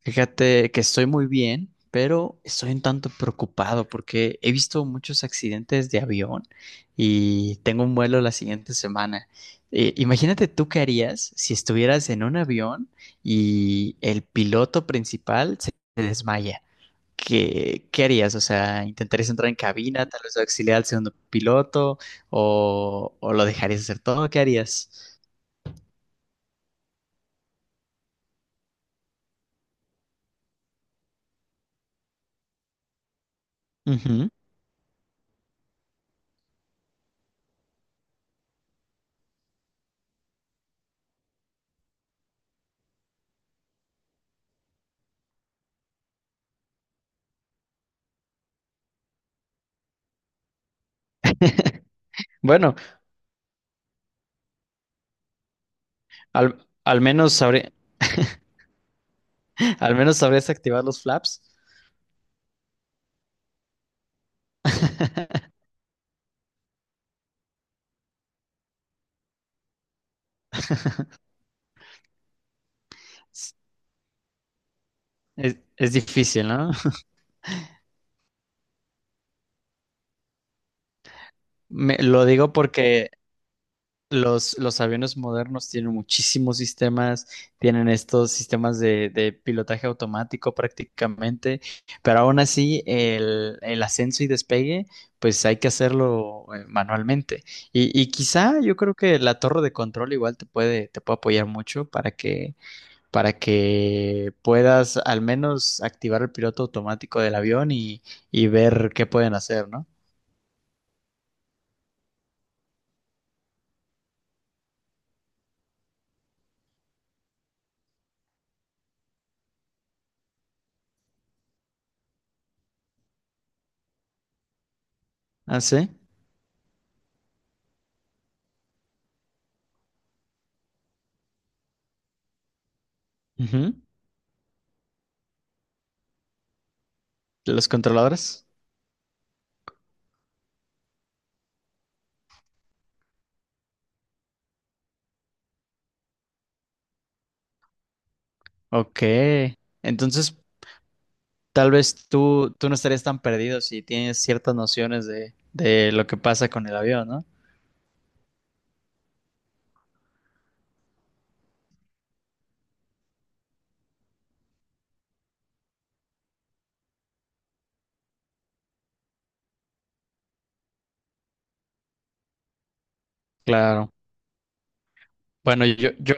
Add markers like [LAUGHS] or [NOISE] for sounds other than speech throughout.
Fíjate que estoy muy bien, pero estoy un tanto preocupado porque he visto muchos accidentes de avión y tengo un vuelo la siguiente semana. Imagínate tú qué harías si estuvieras en un avión y el piloto principal se desmaya. ¿Qué harías? O sea, ¿intentarías entrar en cabina, tal vez auxiliar al segundo piloto o lo dejarías hacer todo? ¿Qué harías? Ujú. Bueno, al, al menos sabrí- [LAUGHS] al menos sabrías activar los flaps. [LAUGHS] Es difícil, ¿no? [LAUGHS] Lo digo porque los aviones modernos tienen muchísimos sistemas, tienen estos sistemas de pilotaje automático prácticamente, pero aún así el ascenso y despegue, pues hay que hacerlo manualmente. Y quizá yo creo que la torre de control igual te puede apoyar mucho para que puedas al menos activar el piloto automático del avión y ver qué pueden hacer, ¿no? Ah, sí. Ujú. Los controladores. Ok. Entonces, tal vez tú no estarías tan perdido si tienes ciertas nociones de lo que pasa con el avión, ¿no? Claro. Bueno, yo, yo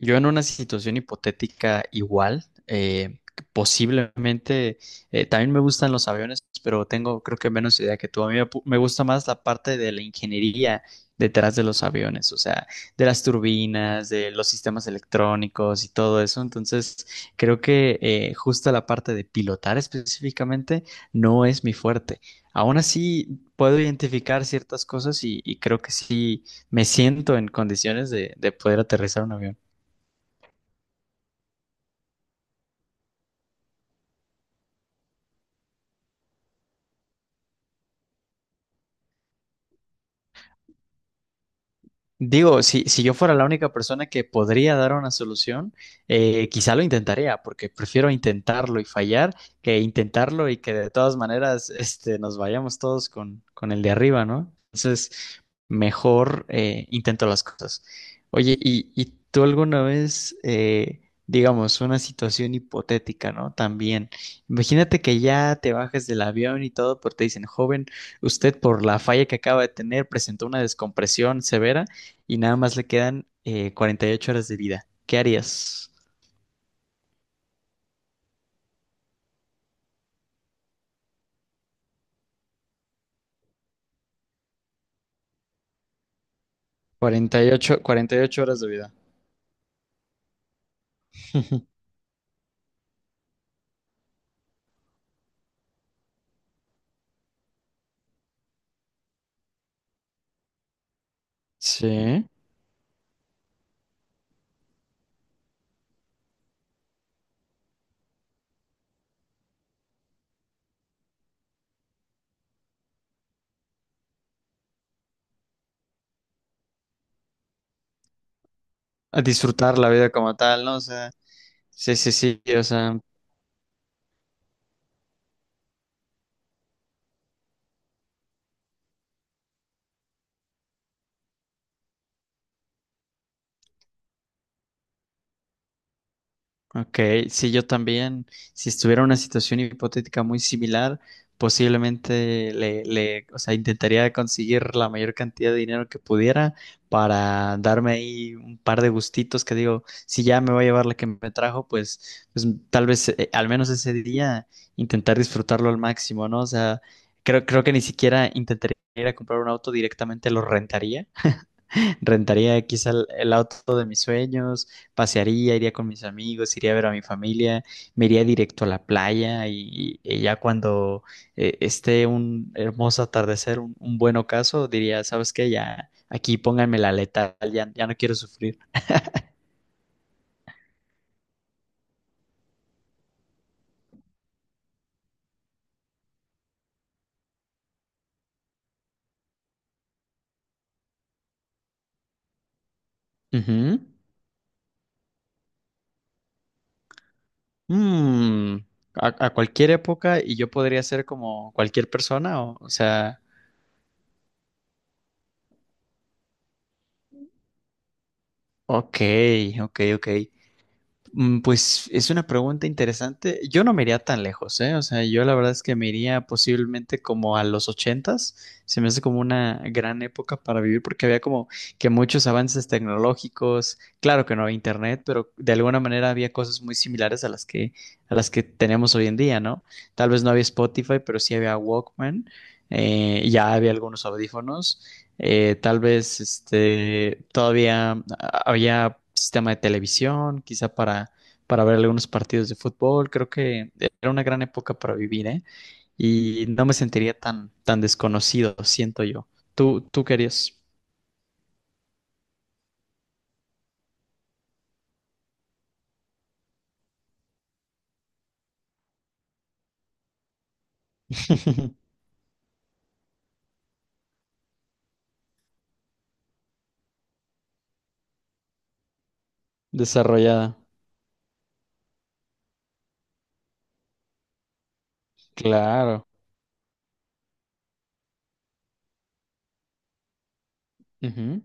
Yo en una situación hipotética igual, posiblemente, también me gustan los aviones, pero tengo creo que menos idea que tú. A mí me gusta más la parte de la ingeniería detrás de los aviones, o sea, de las turbinas, de los sistemas electrónicos y todo eso. Entonces, creo que justo la parte de pilotar específicamente no es mi fuerte. Aún así, puedo identificar ciertas cosas y creo que sí me siento en condiciones de poder aterrizar un avión. Digo, si yo fuera la única persona que podría dar una solución, quizá lo intentaría, porque prefiero intentarlo y fallar que intentarlo y que de todas maneras nos vayamos todos con el de arriba, ¿no? Entonces, mejor intento las cosas. Oye, ¿y tú alguna vez, digamos, una situación hipotética, ¿no? También, imagínate que ya te bajes del avión y todo, pero te dicen, joven, usted por la falla que acaba de tener presentó una descompresión severa y nada más le quedan 48 horas de vida. ¿Qué harías? 48 horas de vida. [LAUGHS] Sí. A disfrutar la vida como tal, ¿no? O sea, sí, sí, sí. O sea, ok, sí, yo también, si estuviera en una situación hipotética muy similar, posiblemente le, o sea, intentaría conseguir la mayor cantidad de dinero que pudiera para darme ahí un par de gustitos que digo, si ya me voy a llevar la que me trajo, pues tal vez al menos ese día intentar disfrutarlo al máximo, ¿no? O sea, creo que ni siquiera intentaría ir a comprar un auto directamente, lo rentaría Rentaría quizá el auto de mis sueños, pasearía, iría con mis amigos, iría a ver a mi familia, me iría directo a la playa y ya cuando esté un hermoso atardecer, un buen ocaso, diría, ¿sabes qué? Ya aquí pónganme la letal, ya, ya no quiero sufrir. Ujú. Mm, a cualquier época y yo podría ser como cualquier persona, o sea, ok, ok, ok. Pues es una pregunta interesante. Yo no me iría tan lejos, ¿eh? O sea, yo la verdad es que me iría posiblemente como a los ochentas. Se me hace como una gran época para vivir porque había como que muchos avances tecnológicos. Claro que no había internet, pero de alguna manera había cosas muy similares a las que tenemos hoy en día, ¿no? Tal vez no había Spotify, pero sí había Walkman. Ya había algunos audífonos tal vez todavía había sistema de televisión, quizá para ver algunos partidos de fútbol. Creo que era una gran época para vivir, ¿eh? Y no me sentiría tan desconocido, siento yo. ¿Tú querías? [LAUGHS] Desarrollada. Claro. Ujú.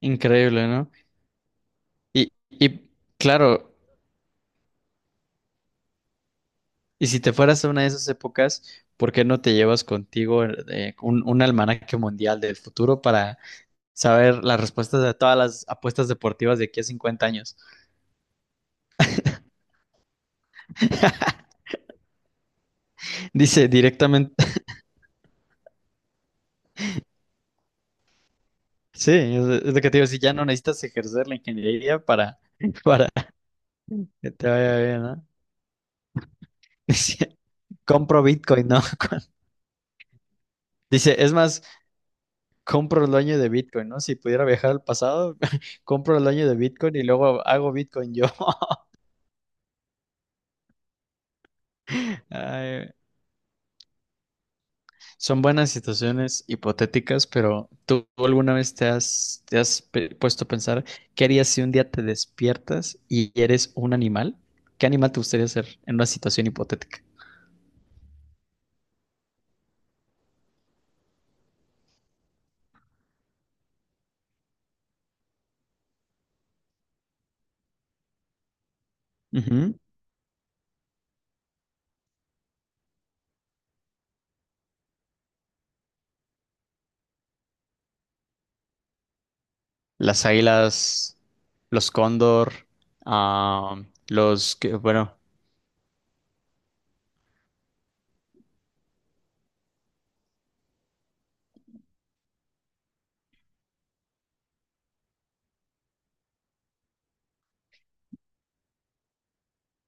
Increíble, ¿no? Y claro, y si te fueras a una de esas épocas, ¿por qué no te llevas contigo un almanaque mundial del futuro para saber las respuestas de todas las apuestas deportivas de aquí a 50 años. Dice directamente, [LAUGHS] sí, es lo que te digo, si ya no necesitas ejercer la ingeniería para, [LAUGHS] para que te vaya bien, ¿no? [LAUGHS] Dice, compro Bitcoin, ¿no? [LAUGHS] Dice, es más, compro el dueño de Bitcoin, ¿no? Si pudiera viajar al pasado, [LAUGHS] compro el dueño de Bitcoin y luego hago Bitcoin yo. [LAUGHS] Ay, son buenas situaciones hipotéticas, pero ¿tú alguna vez te has puesto a pensar qué harías si un día te despiertas y eres un animal? ¿Qué animal te gustaría ser en una situación hipotética? Ujú. Las águilas, los cóndor, ah, los que, bueno,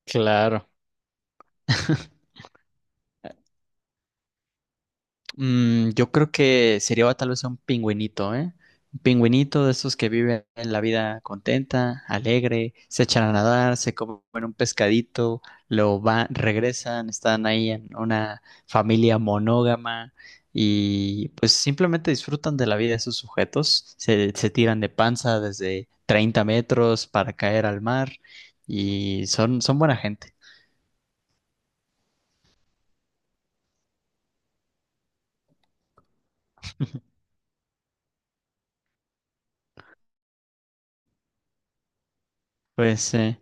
claro. [LAUGHS] Yo creo que sería tal vez un pingüinito, ¿eh? Un pingüinito de esos que viven la vida contenta, alegre, se echan a nadar, se comen un pescadito, lo van, regresan, están ahí en una familia monógama y pues simplemente disfrutan de la vida de sus sujetos, se tiran de panza desde 30 metros para caer al mar y son buena gente. Pues,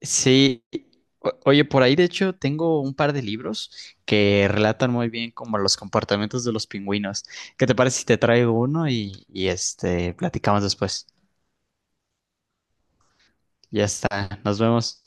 sí, oye, por ahí de hecho tengo un par de libros que relatan muy bien como los comportamientos de los pingüinos. ¿Qué te parece si te traigo uno y platicamos después? Ya está, nos vemos.